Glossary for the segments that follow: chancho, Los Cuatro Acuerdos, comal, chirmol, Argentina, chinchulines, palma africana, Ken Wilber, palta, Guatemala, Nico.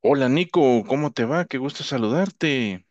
Hola Nico, ¿cómo te va? Qué gusto saludarte.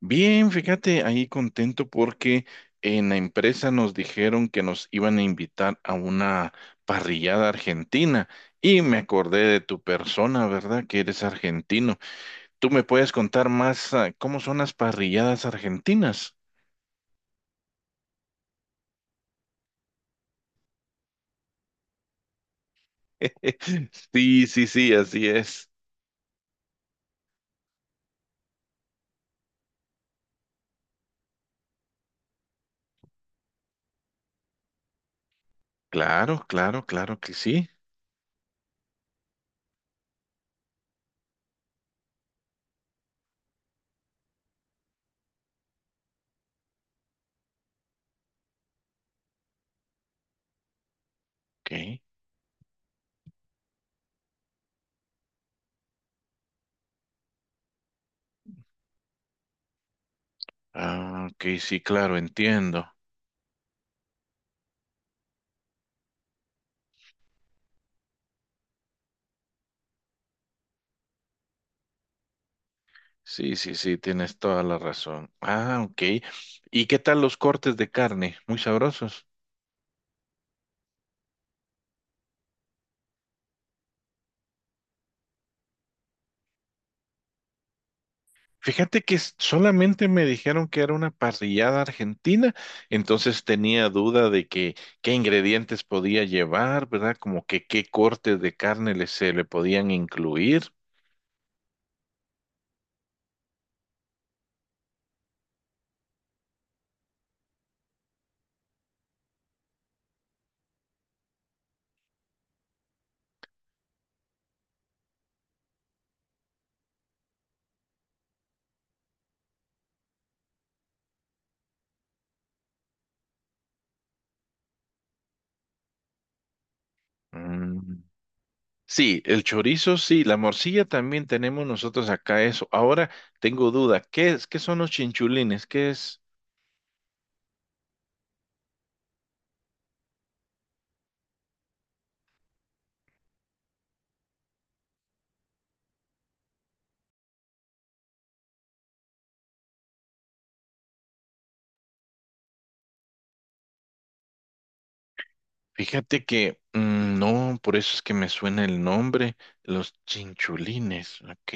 Bien, fíjate, ahí contento porque en la empresa nos dijeron que nos iban a invitar a una parrillada argentina y me acordé de tu persona, ¿verdad? Que eres argentino. ¿Tú me puedes contar más, cómo son las parrilladas argentinas? Sí, sí, sí, así es. Claro, claro, claro que sí. Ok. Ah, ok, sí, claro, entiendo. Sí, sí, sí, tienes toda la razón. Ah, ok. ¿Y qué tal los cortes de carne? Muy sabrosos. Fíjate que solamente me dijeron que era una parrillada argentina, entonces tenía duda de que qué ingredientes podía llevar, ¿verdad? Como que qué cortes de carne se le podían incluir. Mm. Sí, el chorizo, sí, la morcilla también tenemos nosotros acá eso. Ahora tengo duda, ¿qué son los chinchulines? ¿Qué es? Fíjate que no, por eso es que me suena el nombre, los chinchulines, ok.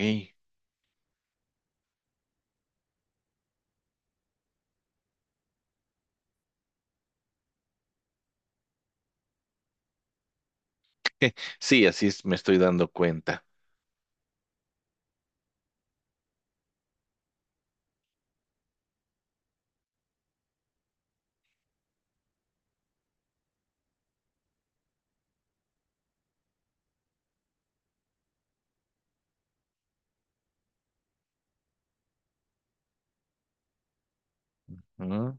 Sí, así es, me estoy dando cuenta. Ah.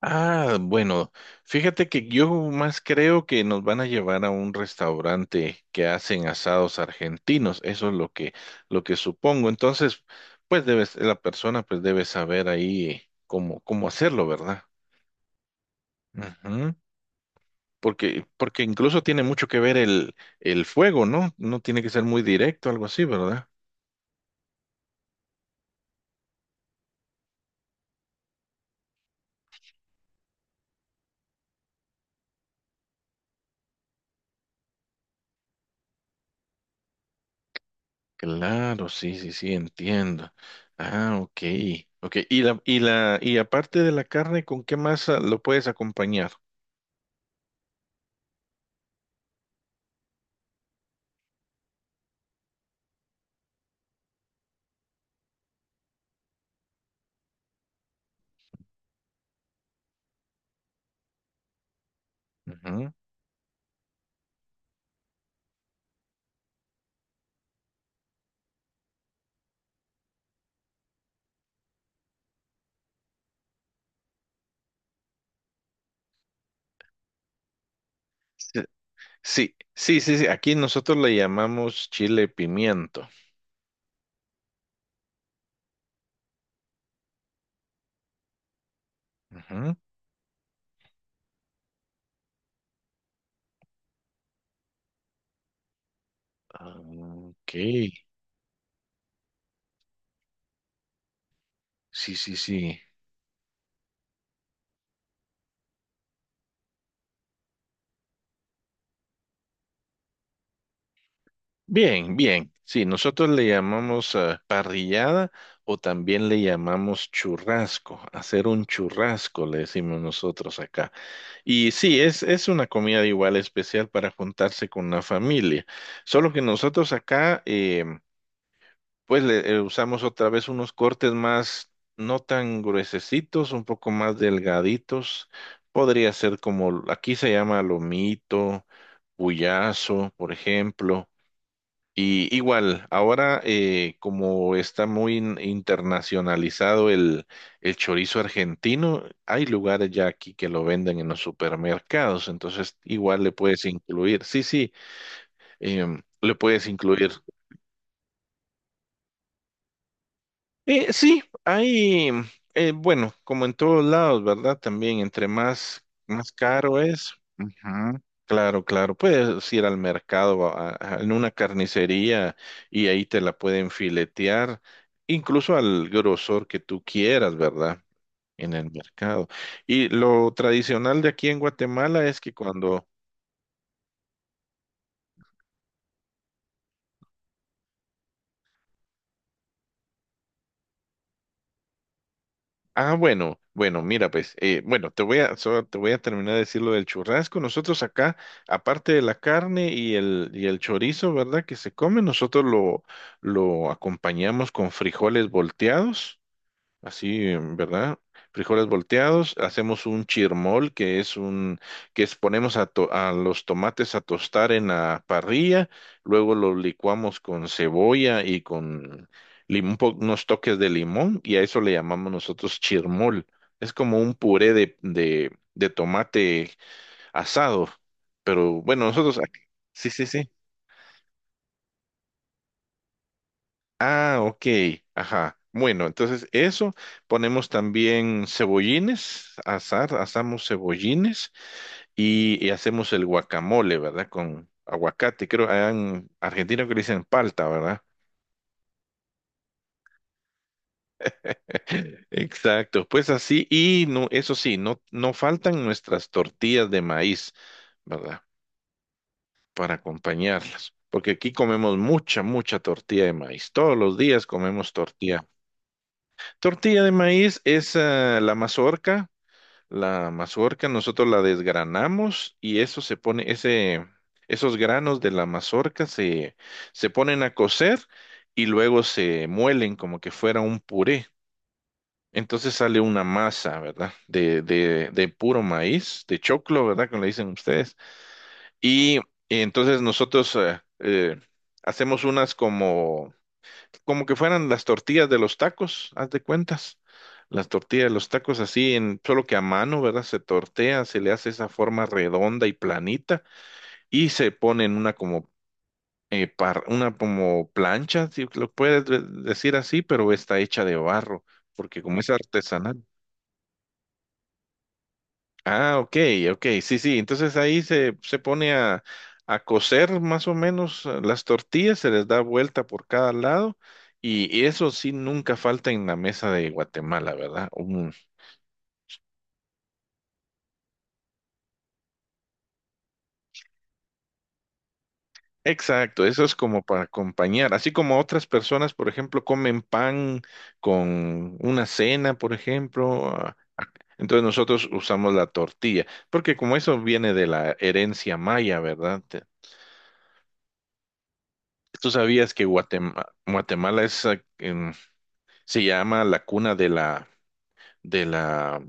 Ah, bueno, fíjate que yo más creo que nos van a llevar a un restaurante que hacen asados argentinos, eso es lo que supongo. Entonces, pues debes, la persona pues debe saber ahí cómo hacerlo, ¿verdad? Ujú. Porque incluso tiene mucho que ver el fuego, ¿no? No tiene que ser muy directo, algo así, ¿verdad? Claro, sí, sí, sí, entiendo. Ah, ok, ok. Y aparte de la carne, ¿con qué más lo puedes acompañar? Ujú. Sí, sí, sí, sí. Aquí nosotros le llamamos chile pimiento. Ujú. Ah. Ok, sí, sí, sí. Bien, bien. Sí, nosotros le llamamos parrillada o también le llamamos churrasco. Hacer un churrasco, le decimos nosotros acá. Y sí, es una comida igual especial para juntarse con la familia. Solo que nosotros acá, pues le usamos otra vez unos cortes más, no tan gruesecitos, un poco más delgaditos. Podría ser como, aquí se llama lomito, puyazo, por ejemplo. Y igual, ahora como está muy internacionalizado el chorizo argentino, hay lugares ya aquí que lo venden en los supermercados, entonces igual le puedes incluir, sí, sí, le puedes incluir. Sí, hay, bueno, como en todos lados, ¿verdad? También entre más caro es. Claro, claro, puedes ir al mercado, en una carnicería y ahí te la pueden filetear, incluso al grosor que tú quieras, ¿verdad? En el mercado. Y lo tradicional de aquí en Guatemala es que cuando, ah, bueno, bueno, mira, pues, bueno, solo te voy a terminar de decir lo del churrasco. Nosotros acá, aparte de la carne y y el chorizo, ¿verdad? Que se come, lo acompañamos con frijoles volteados. Así, ¿verdad? Frijoles volteados, hacemos un chirmol, que es, ponemos a, a los tomates a tostar en la parrilla, luego los licuamos con cebolla y con unos toques de limón, y a eso le llamamos nosotros chirmol. Es como un puré de tomate asado, pero bueno, nosotros, aquí- sí, sí, sí. Ah, ok, ajá. Bueno, entonces eso, ponemos también cebollines, asamos cebollines y hacemos el guacamole, ¿verdad? Con aguacate, creo, allá en Argentina que le dicen palta, ¿verdad? Exacto, pues así, y no, eso sí, no faltan nuestras tortillas de maíz, ¿verdad? Para acompañarlas, porque aquí comemos mucha tortilla de maíz, todos los días comemos tortilla. Tortilla de maíz es la mazorca. La mazorca nosotros la desgranamos y eso se pone, ese, esos granos de la mazorca se ponen a cocer y luego se muelen como que fuera un puré. Entonces sale una masa, ¿verdad? De puro maíz, de choclo, ¿verdad? Como le dicen ustedes. Y, y entonces nosotros hacemos unas como como que fueran las tortillas de los tacos, haz de cuentas. Las tortillas de los tacos así, en, solo que a mano, ¿verdad? Se tortea, se le hace esa forma redonda y planita y se pone en una como, una como plancha, si lo puedes decir así, pero está hecha de barro, porque como es artesanal. Ah, ok, ok, sí, sí. Entonces ahí se pone a cocer más o menos las tortillas, se les da vuelta por cada lado y eso sí nunca falta en la mesa de Guatemala, ¿verdad? Un- exacto, eso es como para acompañar, así como otras personas, por ejemplo, comen pan con una cena, por ejemplo. Ah. Entonces nosotros usamos la tortilla, porque como eso viene de la herencia maya, ¿verdad? Te- ¿tú sabías que Guatemala es Se llama la cuna de la,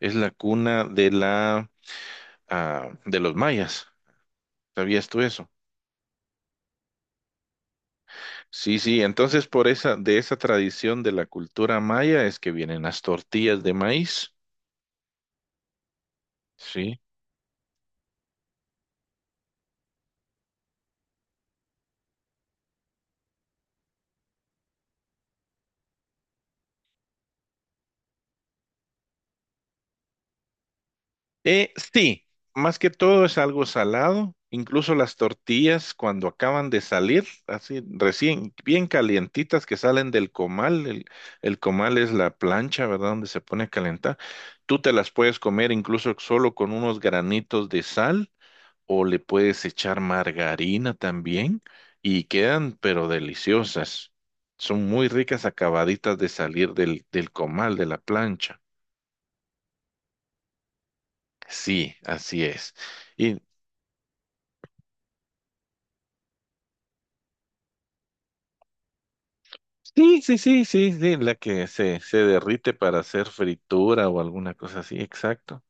es la cuna de la, de los mayas. ¿Sabías tú eso? Sí, sí, entonces por esa, de esa tradición de la cultura maya es que vienen las tortillas de maíz. Sí. Sí, más que todo es algo salado, incluso las tortillas cuando acaban de salir, así recién, bien calientitas que salen del comal, el comal es la plancha, ¿verdad? Donde se pone a calentar. Tú te las puedes comer incluso solo con unos granitos de sal o le puedes echar margarina también y quedan pero deliciosas. Son muy ricas acabaditas de salir del comal, de la plancha. Sí, así es. Y sí, sí, sí, sí, sí, la que se derrite para hacer fritura o alguna cosa así, exacto.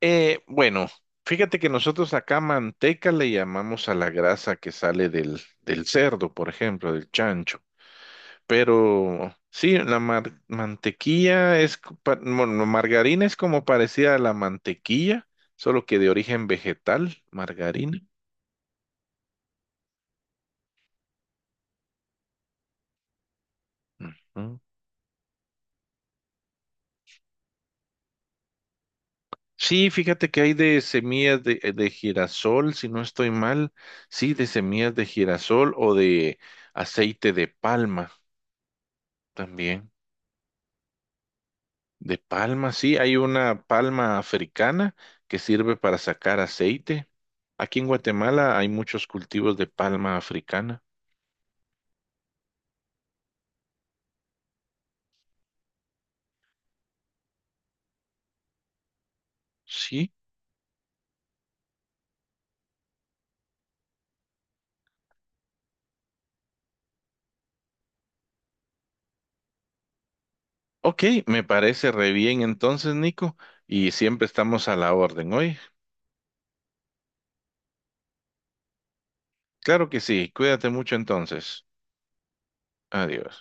Bueno, fíjate que nosotros acá manteca le llamamos a la grasa que sale del cerdo, por ejemplo, del chancho. Pero sí, la mantequilla es, bueno, margarina es como parecida a la mantequilla, solo que de origen vegetal, margarina. Ujú. Sí, fíjate que hay de semillas de girasol, si no estoy mal, sí, de semillas de girasol o de aceite de palma también. De palma, sí, hay una palma africana que sirve para sacar aceite. Aquí en Guatemala hay muchos cultivos de palma africana. Sí, ok, me parece re bien entonces, Nico, y siempre estamos a la orden hoy. Claro que sí, cuídate mucho entonces. Adiós.